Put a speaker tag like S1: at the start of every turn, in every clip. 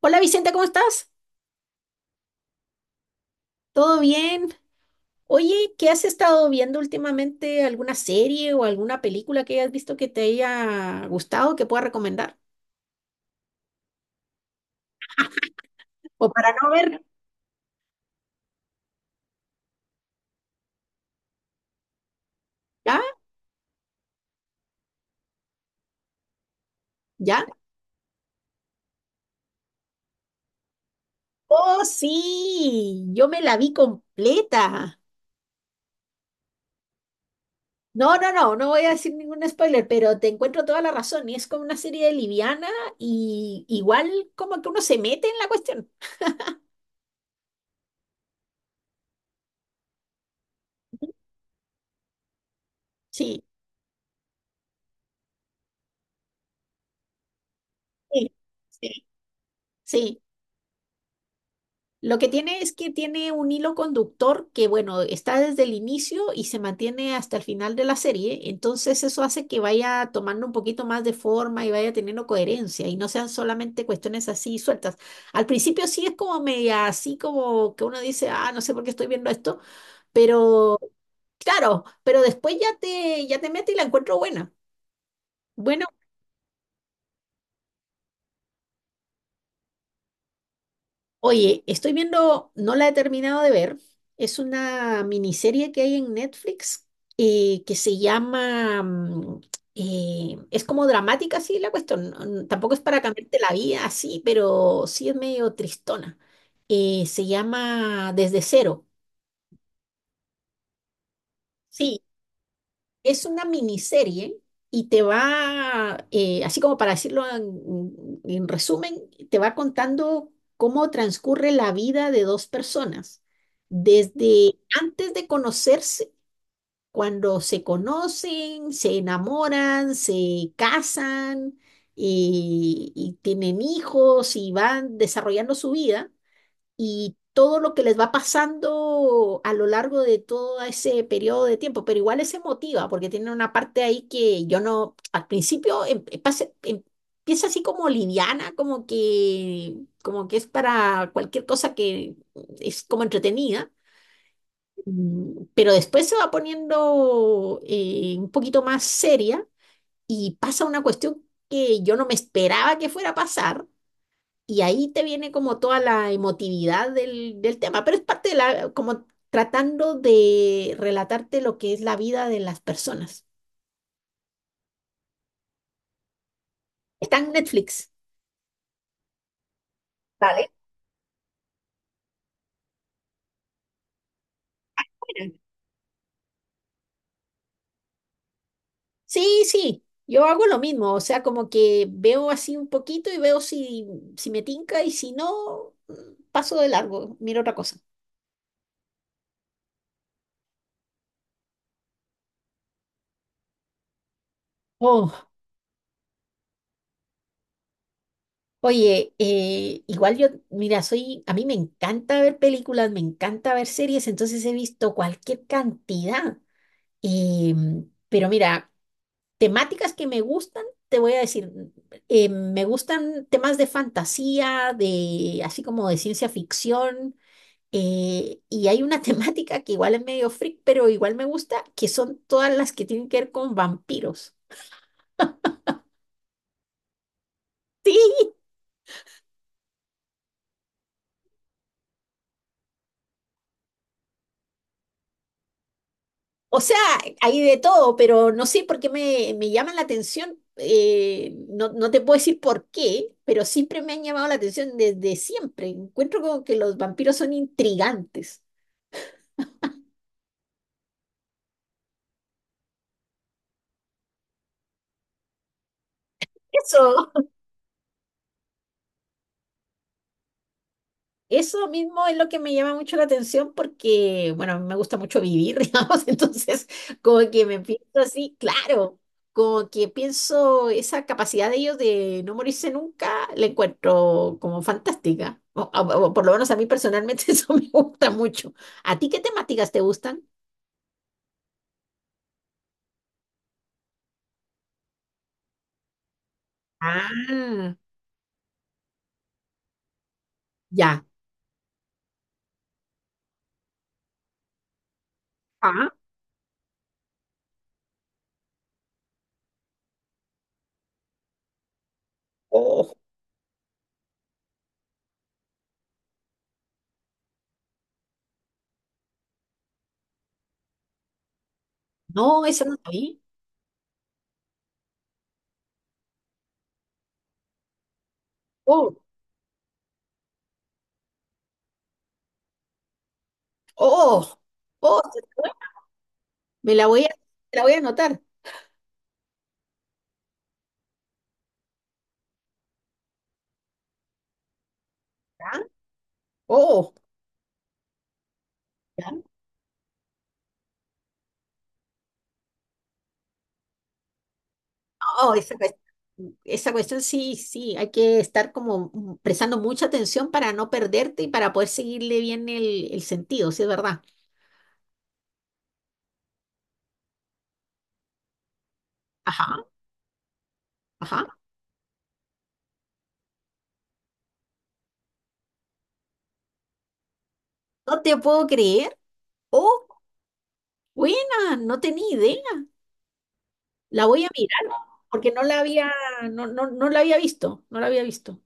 S1: Hola Vicente, ¿cómo estás? ¿Todo bien? Oye, ¿qué has estado viendo últimamente? ¿Alguna serie o alguna película que hayas visto que te haya gustado que pueda recomendar? O para no ver, ¿ya? ¿Ya? Oh, sí, yo me la vi completa. No, no, no, no voy a decir ningún spoiler, pero te encuentro toda la razón. Y es como una serie liviana y igual como que uno se mete en la cuestión. Sí, sí, sí, sí. Lo que tiene es que tiene un hilo conductor que, bueno, está desde el inicio y se mantiene hasta el final de la serie. Entonces eso hace que vaya tomando un poquito más de forma y vaya teniendo coherencia y no sean solamente cuestiones así sueltas. Al principio sí es como media, así como que uno dice, ah, no sé por qué estoy viendo esto, pero claro, pero después ya te mete y la encuentro buena. Bueno, oye, estoy viendo, no la he terminado de ver, es una miniserie que hay en Netflix que se llama, es como dramática, sí, la cuestión, tampoco es para cambiarte la vida así, pero sí es medio tristona. Se llama Desde Cero. Sí, es una miniserie y te va, así como para decirlo en resumen, te va contando cómo transcurre la vida de dos personas, desde antes de conocerse, cuando se conocen, se enamoran, se casan, y tienen hijos y van desarrollando su vida y todo lo que les va pasando a lo largo de todo ese periodo de tiempo, pero igual es emotiva porque tiene una parte ahí que yo no, al principio empieza así como liviana, como que es para cualquier cosa, que es como entretenida, pero después se va poniendo un poquito más seria y pasa una cuestión que yo no me esperaba que fuera a pasar, y ahí te viene como toda la emotividad del, del tema, pero es parte de la, como tratando de relatarte lo que es la vida de las personas. Está en Netflix. Vale. Bueno. Sí, sí, yo hago lo mismo, o sea, como que veo así un poquito y veo si, si me tinca, y si no, paso de largo, miro otra cosa. Oh, oye, igual yo, mira, soy, a mí me encanta ver películas, me encanta ver series, entonces he visto cualquier cantidad. Y, pero mira, temáticas que me gustan, te voy a decir, me gustan temas de fantasía, de así como de ciencia ficción, y hay una temática que igual es medio freak, pero igual me gusta, que son todas las que tienen que ver con vampiros. Sí, o sea, hay de todo, pero no sé por qué me, me llaman la atención. Eh, no, no te puedo decir por qué, pero siempre me han llamado la atención desde siempre. Encuentro como que los vampiros son intrigantes. Eso, eso mismo es lo que me llama mucho la atención porque, bueno, a mí me gusta mucho vivir, digamos, entonces como que me pienso así, claro, como que pienso esa capacidad de ellos de no morirse nunca, la encuentro como fantástica. O por lo menos a mí personalmente eso me gusta mucho. ¿A ti qué temáticas te gustan? Ah, ya. Ah, oh, no, eso no sabía. Oh, oh, oh, me la voy a, me la voy a anotar. Ah, oh, oh, esa cuestión sí, sí, hay que estar como prestando mucha atención para no perderte y para poder seguirle bien el sentido, sí, es verdad. Ajá, ajá. No te puedo creer. Oh, buena, no tenía idea. La voy a mirar porque no la había, no, no, no la había visto, no la había visto.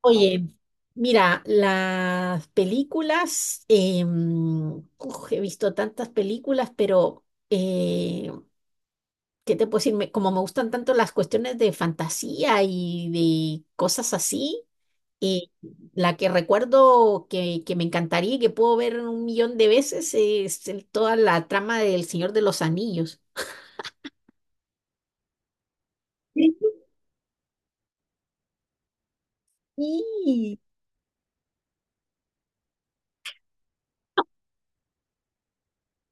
S1: Oye, mira, las películas, uf, he visto tantas películas, pero... eh, ¿Qué te puedo decir? Me- como me gustan tanto las cuestiones de fantasía y de cosas así, eh, la que recuerdo que me encantaría y que puedo ver un millón de veces es el- toda la trama del Señor de los Anillos. Sí.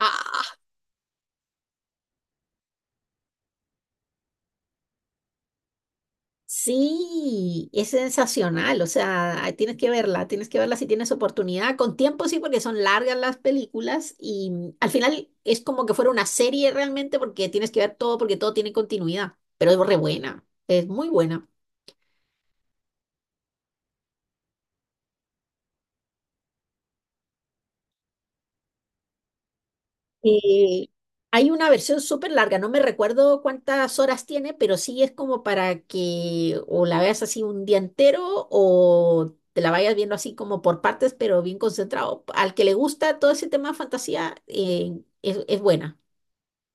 S1: Ah, sí, es sensacional, o sea, ahí tienes que verla si tienes oportunidad, con tiempo sí, porque son largas las películas y al final es como que fuera una serie realmente porque tienes que ver todo porque todo tiene continuidad, pero es re buena, es muy buena. Eh, Hay una versión súper larga, no me recuerdo cuántas horas tiene, pero sí es como para que o la veas así un día entero o te la vayas viendo así como por partes, pero bien concentrado. Al que le gusta todo ese tema de fantasía, es buena.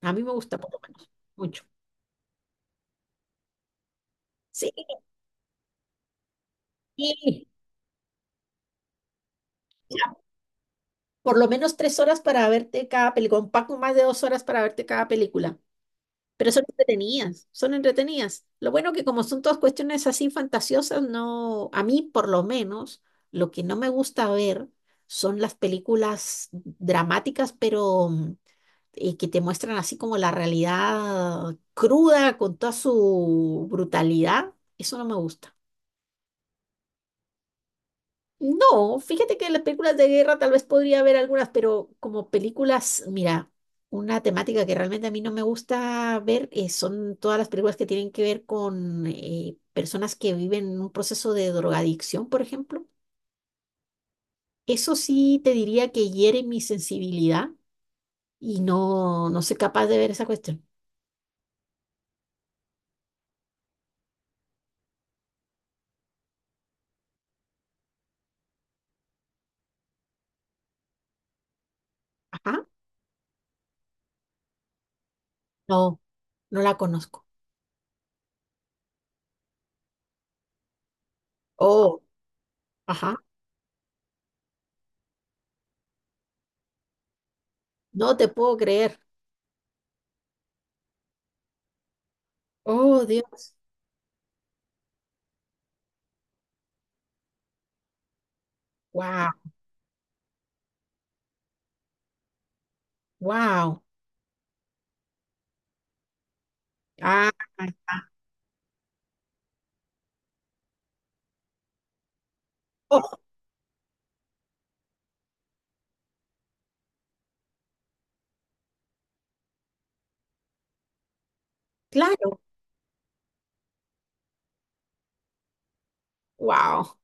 S1: A mí me gusta por lo menos, mucho. Sí, y por lo menos 3 horas para verte cada película, un poco más de 2 horas para verte cada película. Pero son entretenidas, son entretenidas. Lo bueno que como son todas cuestiones así fantasiosas, no, a mí por lo menos, lo que no me gusta ver son las películas dramáticas, pero que te muestran así como la realidad cruda con toda su brutalidad. Eso no me gusta. No, fíjate que las películas de guerra tal vez podría haber algunas, pero como películas, mira, una temática que realmente a mí no me gusta ver, son todas las películas que tienen que ver con personas que viven un proceso de drogadicción, por ejemplo. Eso sí te diría que hiere mi sensibilidad, y no, no soy capaz de ver esa cuestión. Ajá, no, no la conozco. Oh, ajá, no te puedo creer. Oh, Dios. Wow, wow. Ah, oh, claro. Wow,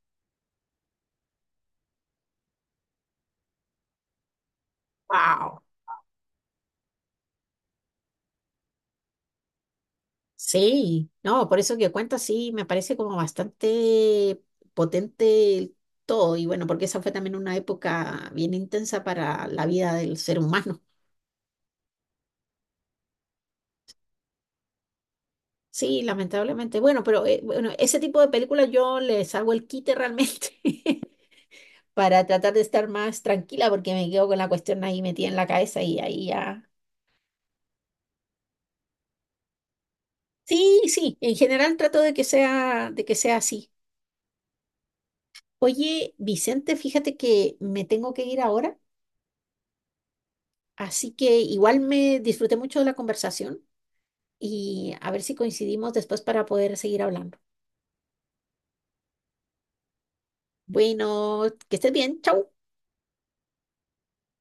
S1: wow. Sí, no, por eso que cuenta, sí, me parece como bastante potente el todo. Y bueno, porque esa fue también una época bien intensa para la vida del ser humano. Sí, lamentablemente. Bueno, pero bueno, ese tipo de películas yo les hago el quite realmente para tratar de estar más tranquila porque me quedo con la cuestión ahí metida en la cabeza y ahí ya. Sí, sí, en general trato de que sea así. Oye, Vicente, fíjate que me tengo que ir ahora. Así que igual me disfruté mucho de la conversación y a ver si coincidimos después para poder seguir hablando. Bueno, que estés bien. Chau.